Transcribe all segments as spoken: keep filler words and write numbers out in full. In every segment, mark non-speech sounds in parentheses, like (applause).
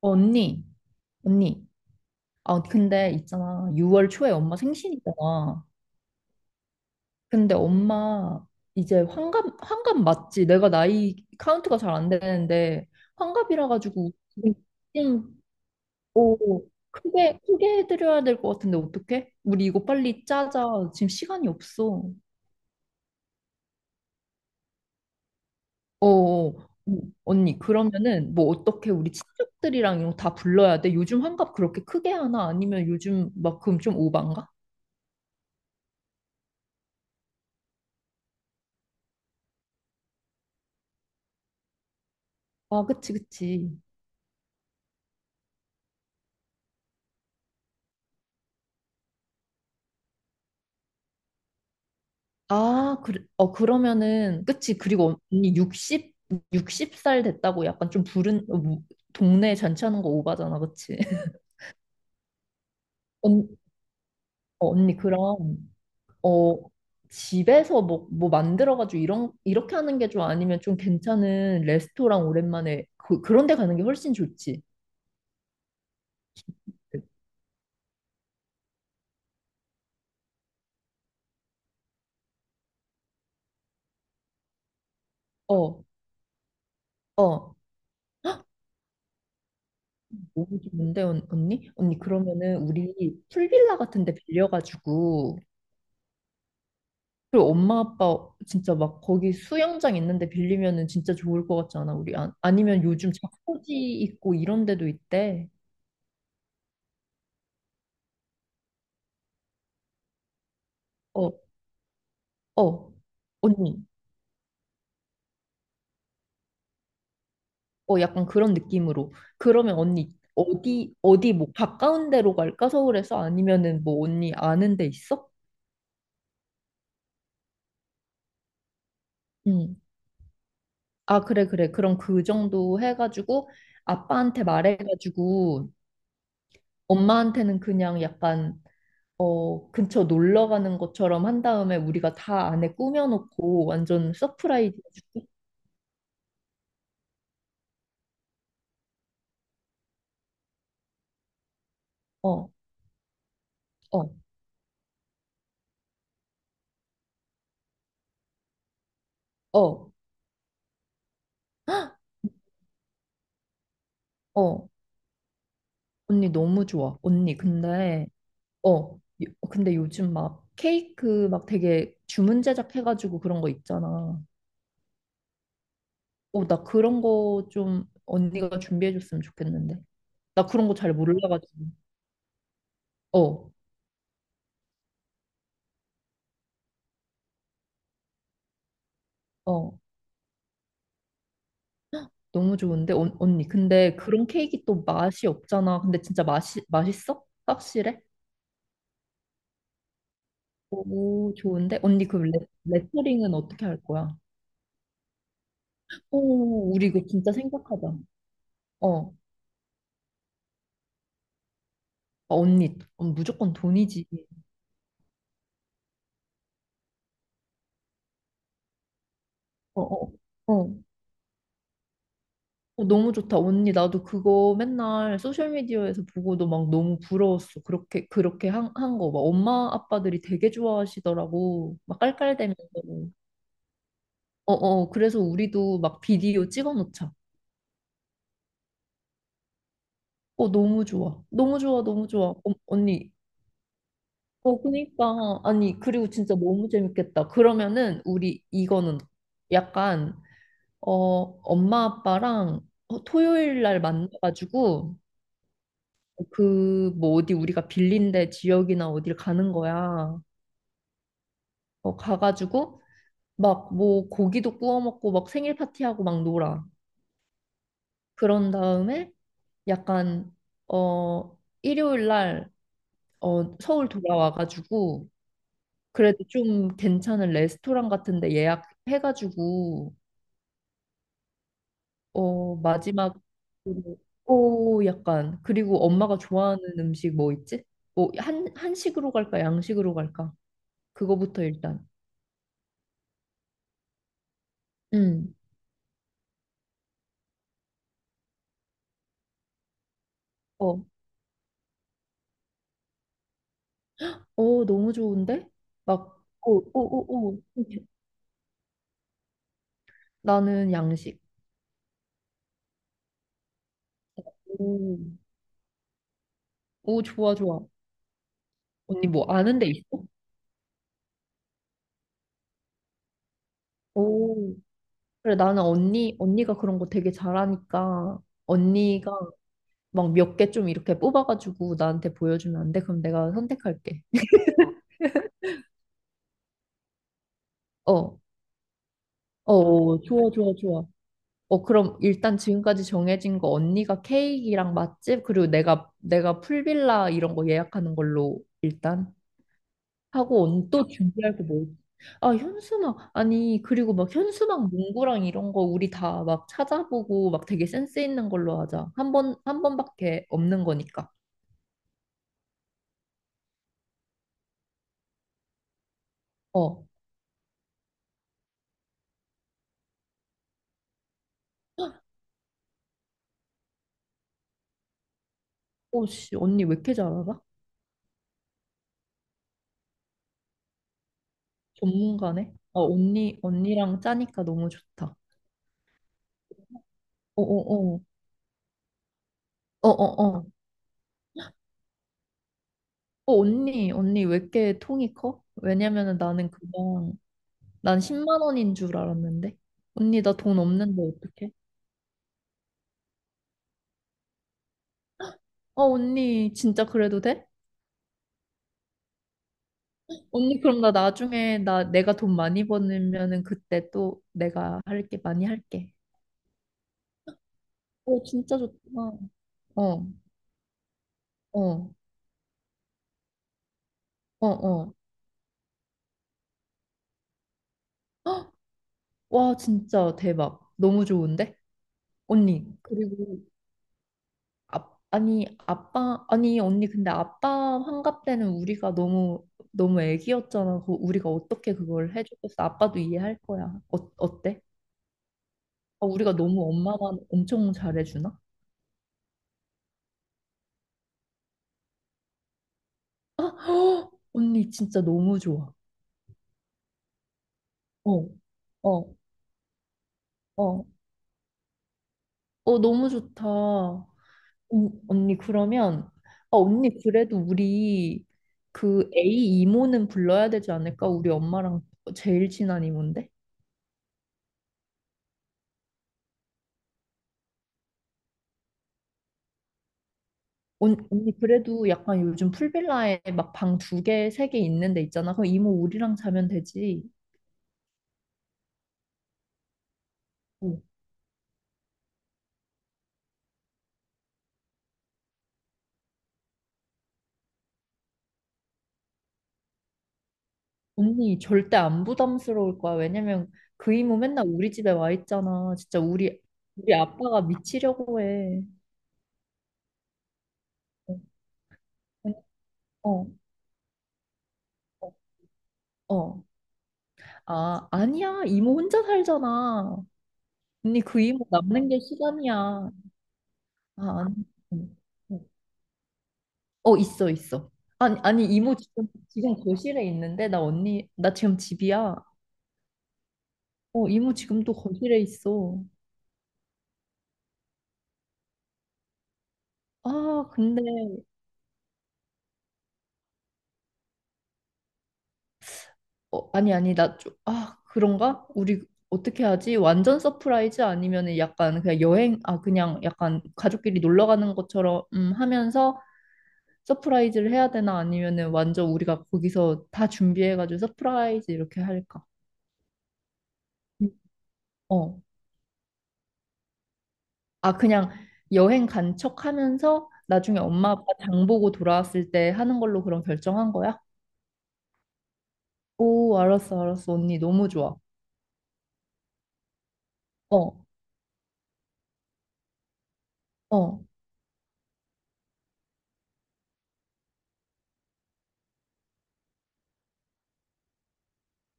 언니, 언니. 아, 근데 있잖아. 유월 초에 엄마 생신이잖아. 근데 엄마 이제 환갑, 환갑 맞지? 내가 나이 카운트가 잘 안 되는데, 환갑이라 가지고 지금 오, 크게, 크게 해드려야 될 것 같은데, 어떡해? 우리 이거 빨리 짜자. 지금 시간이 없어. 어, 어. 음, 언니, 그러면은 뭐 어떻게 우리 친척들이랑 이런 거 다 불러야 돼? 요즘 환갑 그렇게 크게 하나? 아니면 요즘 막 그럼 좀 오반가? 아, 그치, 그치. 아, 그래, 어, 그러면은, 그치. 그리고 언니 육십, 육십 살 됐다고 약간 좀 부른, 어, 뭐, 동네 잔치하는 거 오바잖아. 그치. (laughs) 언, 어, 언니, 그럼, 어, 집에서 뭐, 뭐 만들어가지고 이런, 이렇게 하는 게 좀 아니면 좀 괜찮은 레스토랑 오랜만에 그, 그런 데 가는 게 훨씬 좋지. 어, 어. (gasps) 헉, 너무 좋은데, 언- 언니? 언니, 그러면은 우리 풀빌라 같은 데 빌려가지고, 그리고 엄마 아빠 진짜 막 거기 수영장 있는데 빌리면은 진짜 좋을 것 같지 않아? 우리 아, 아니면 요즘 자쿠지 있고 이런 데도 있대. 어, 어, 언니. 어, 약간 그런 느낌으로. 그러면 언니 어디 어디 뭐 가까운 데로 갈까? 서울에서 아니면은 뭐 언니 아는 데 있어? 응. 아, 그래 그래. 그럼 그 정도 해가지고 아빠한테 말해가지고 엄마한테는 그냥 약간 어, 근처 놀러 가는 것처럼 한 다음에 우리가 다 안에 꾸며놓고 완전 서프라이즈 해줄게. 어, 어, 어, 어. 언니 너무 좋아. 언니, 근데, 어, 요- 근데 요즘 막 케이크 막 되게 주문 제작해가지고 그런 거 있잖아. 어, 나 그런 거 좀 언니가 준비해줬으면 좋겠는데. 나 그런 거 잘 몰라가지고. 어, 어. 너무 좋은데, 언, 언니. 근데 그런 케이크 또 맛이 없잖아. 근데 진짜 맛이, 맛있어? 확실해? 오, 좋은데? 언니, 그 레, 레터링은 어떻게 할 거야? 오, 우리 이거 진짜 생각하자. 어, 어, 언니, 어, 무조건 돈이지. 어, 어, 어. 어, 너무 좋다. 언니, 나도 그거 맨날 소셜미디어에서 보고도 막 너무 부러웠어. 그렇게, 그렇게 한, 한 거. 막 엄마, 아빠들이 되게 좋아하시더라고. 막 깔깔대면서. 어, 어, 그래서 우리도 막 비디오 찍어 놓자. 어, 너무 좋아. 너무 좋아, 너무 좋아. 어, 언니, 어, 그니까. 아니, 그리고 진짜 너무 재밌겠다. 그러면은, 우리 이거는 약간, 어, 엄마 아빠랑 어, 토요일 날 만나가지고, 그, 뭐, 어디 우리가 빌린 데 지역이나 어딜 가는 거야. 어, 가가지고, 막, 뭐, 고기도 구워 먹고, 막 생일 파티하고 막 놀아. 그런 다음에, 약간, 어, 일요일 날, 어, 서울 돌아와가지고, 그래도 좀 괜찮은 레스토랑 같은데 예약해가지고 어 마지막 오 약간 그리고 엄마가 좋아하는 음식 뭐 있지? 뭐 한 한식으로 갈까 양식으로 갈까? 그거부터 일단 음. 어. 어 너무 좋은데? 막 오오 오오 나는 양식. 오. 오 좋아 좋아. 언니 뭐 아는 데 있어? 오. 그래 나는 언니 언니가 그런 거 되게 잘하니까 언니가 막 몇 개 좀 이렇게 뽑아가지고 나한테 보여주면 안 돼? 그럼 내가 선택할게. 어, 어, 어, 좋아, 좋아, 좋아. 어, 그럼 일단 지금까지 정해진 거 언니가 케이크랑 맛집 그리고 내가 내가 풀빌라 이런 거 예약하는 걸로 일단 하고 언니 또 준비할 거 뭐? 아, 현수막 아니 그리고 막 현수막 문구랑 이런 거 우리 다 막 찾아보고 막 되게 센스 있는 걸로 하자. 한 번 한 번밖에 없는 거니까. 어, 오씨 언니 왜 이렇게 잘 알아? 전문가네? 어, 언니, 언니랑 짜니까 너무 좋다. 어어어. 어 어어. 어, 어, 언니, 언니 왜 이렇게 통이 커? 왜냐면은 나는 그냥, 난 십만 원인 줄 알았는데. 언니, 나 돈 없는데 어떡해? 어, 언니, 진짜 그래도 돼? 언니, 그럼 나 나중에, 나, 내가 돈 많이 버면은 그때 또 내가 할게, 많이 할게. 어, 진짜 좋다. 어, 어, 어, 어. (gasps) 와, 진짜 대박. 너무 좋은데? 언니, 그리고 아, 아니 아빠 아니 언니 근데 아빠 환갑 때는 우리가 너무 너무 애기였잖아. 그 우리가 어떻게 그걸 해줬겠어? 아빠도 이해할 거야. 어, 어때? 아, 우리가 너무 엄마만 엄청 잘해주나? 아, (gasps) 헉! 언니 진짜 너무 좋아. 어, 어, 어, 어 너무 좋다. 음, 언니 그러면 아, 언니 그래도 우리 그 A 이모는 불러야 되지 않을까? 우리 엄마랑 제일 친한 이모인데? 언- 언니 그래도 약간 요즘 풀빌라에 막 방 두 개, 세 개 있는 데 있잖아. 그럼 이모 우리랑 자면 되지. 어. 언니 절대 안 부담스러울 거야. 왜냐면 그 이모 맨날 우리 집에 와 있잖아. 진짜 우리 우리 아빠가 미치려고 해. 어. 어. 어. 어. 아, 아니야. 이모 혼자 살잖아. 언니 그 이모 남는 게 시간이야. 아, 아니. 응. 응. 어, 있어, 있어. 아니, 아니, 이모 지금, 지금 거실에 있는데, 나 언니, 나 지금 집이야. 어, 이모 지금도 거실에 있어. 아, 근데, 어, 아니, 아니, 나 좀, 아, 그런가? 우리 어떻게 하지? 완전 서프라이즈 아니면은 약간 그냥 여행, 아, 그냥 약간 가족끼리 놀러 가는 것처럼 음, 하면서 서프라이즈를 해야 되나? 아니면은 완전 우리가 거기서 다 준비해가지고 서프라이즈 이렇게 할까? 음. 어. 아, 그냥 여행 간 척 하면서 나중에 엄마 아빠 장 보고 돌아왔을 때 하는 걸로 그럼 결정한 거야? 오, 알았어, 알았어. 언니, 너무 좋아. 어, 어.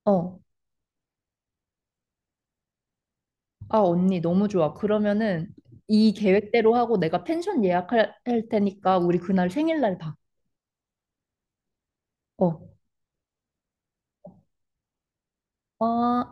어. 아, 언니, 너무 좋아. 그러면은 이 계획대로 하고 내가 펜션 예약할 할 테니까 우리 그날 생일날 봐. 어. 어.